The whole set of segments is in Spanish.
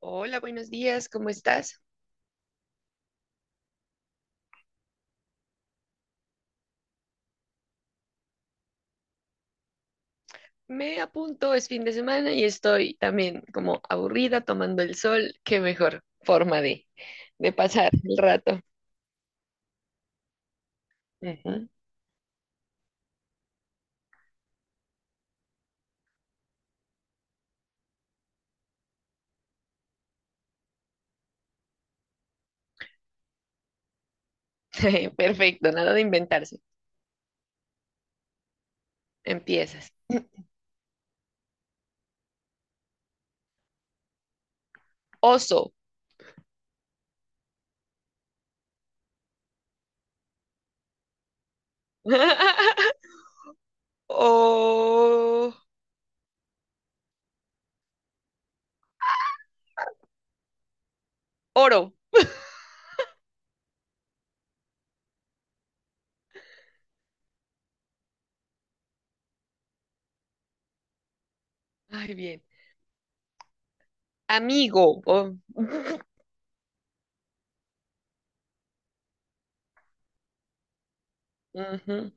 Hola, buenos días, ¿cómo estás? Me apunto, es fin de semana y estoy también como aburrida tomando el sol. Qué mejor forma de pasar el rato. Ujú. Perfecto, nada de inventarse. Empiezas. Oso. O... Oro. Ay, bien. Amigo. O- Ujú.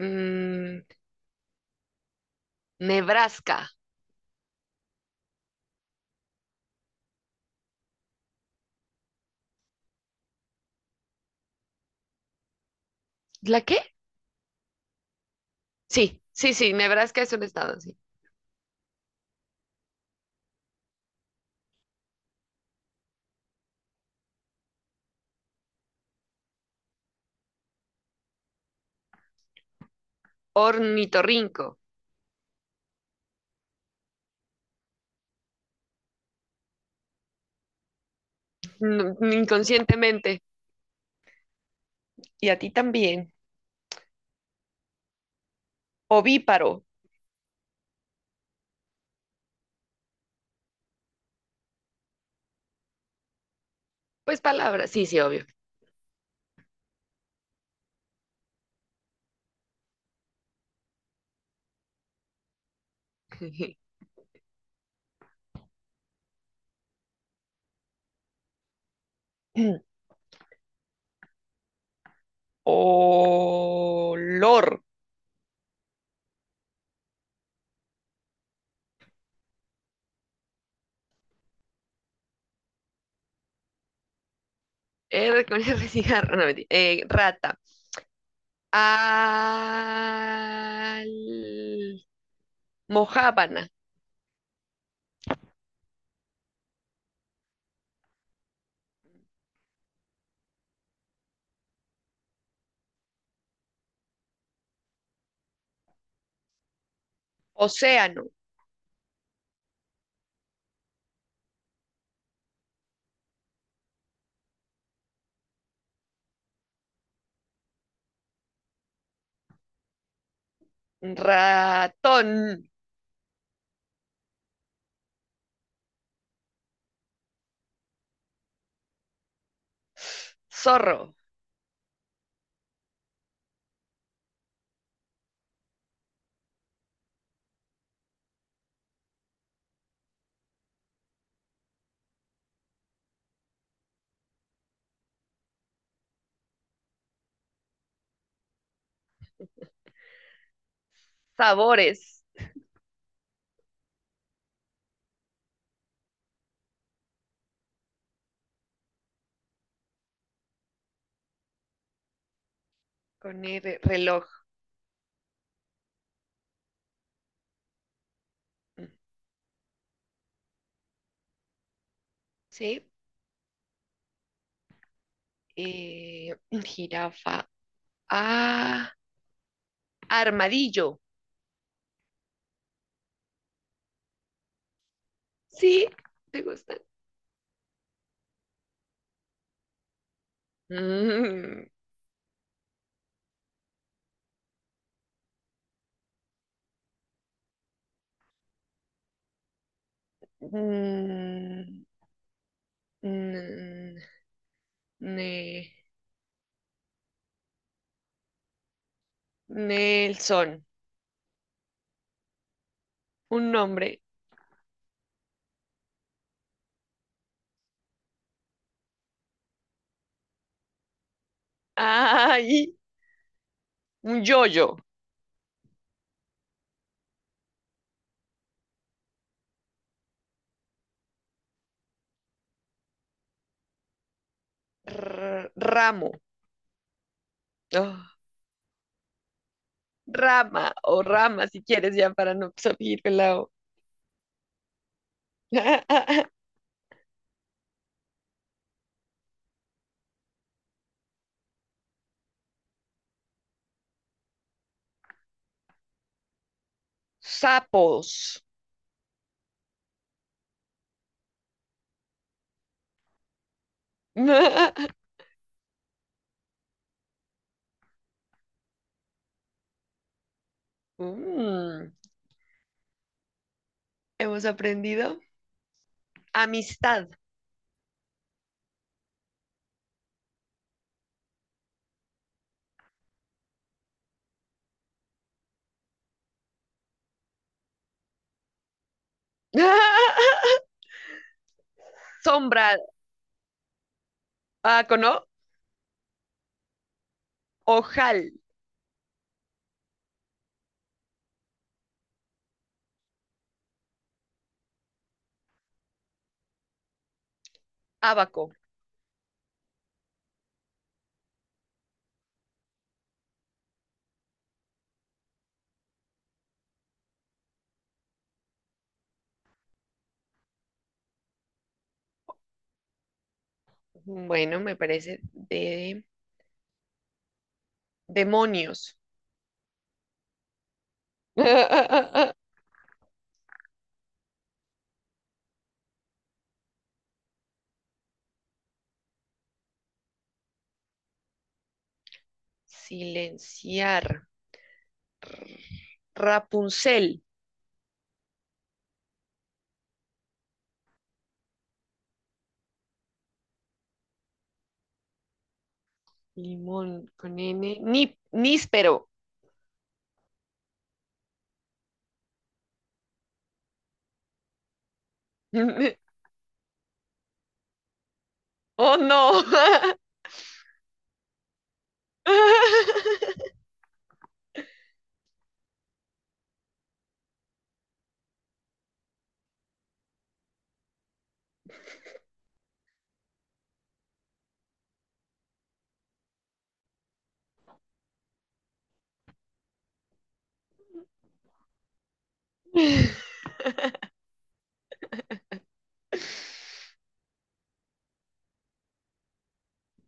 Mm, Nebraska. ¿La qué? Sí, sí, sí, Nebraska es un estado, sí. Ornitorrinco. No, inconscientemente. Y a ti también. Ovíparo. Pues palabras, sí, sí, obvio. Olor. R con R cigarro, no, mentira. Rata. Al... Mojábana. Océano. Ratón. Zorro. Sabores. Con R, reloj. Mm, ¿sí? Eh, jirafa. Ah, armadillo. Sí, ¿te gustan? Mm, mm, mm, ne- Nelson, un nombre. Ay, un yoyo. Ramo. Ah, rama o rama, si quieres, ya para no salir pelado. Sapos. Mm, hemos aprendido amistad. Sombra. Ah, ¿cono? Ojal, Abaco. Bueno, me parece de demonios. Silenciar. Rapunzel. Limón con N. Ni, níspero. Oh, no.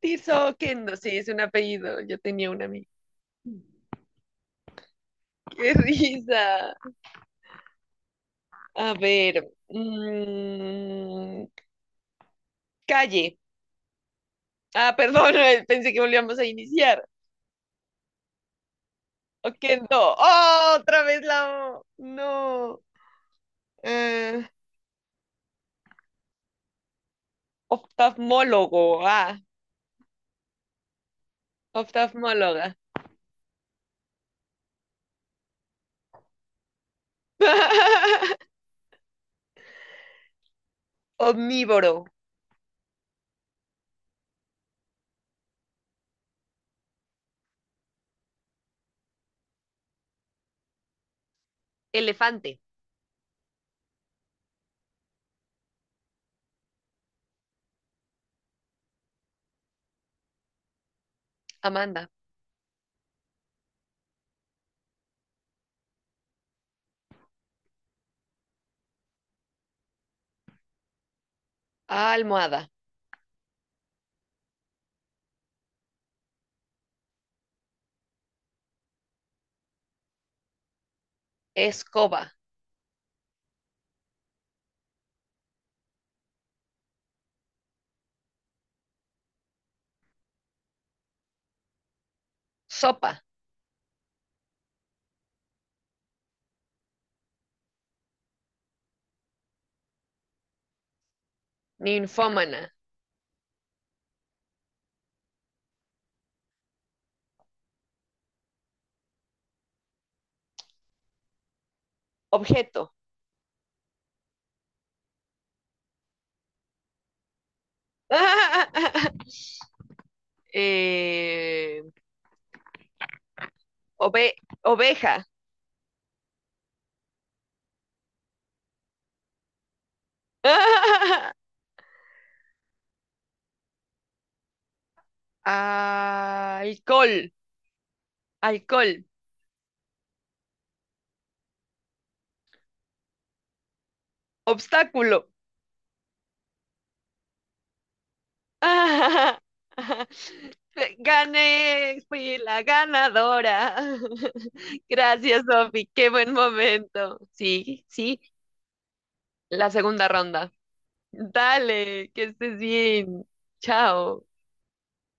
Tirso Kendo. Sí, es un apellido. Yo tenía un amigo. Qué risa. A ver. Calle. Ah, perdón, pensé que volvíamos a iniciar. Ok, no. ¡Oh! Otra vez la O. No. Eh, oftalmólogo. Ah, oftalmóloga. Omnívoro. Elefante. Amanda. Almohada. Escoba. Sopa. Ninfómana. Objeto. Eh, ove- oveja. Alcohol. Alcohol. Obstáculo. ¡Ah! Gané, fui la ganadora. Gracias, Sofi, qué buen momento. Sí, sí, la segunda ronda. Dale, que estés bien. Chao.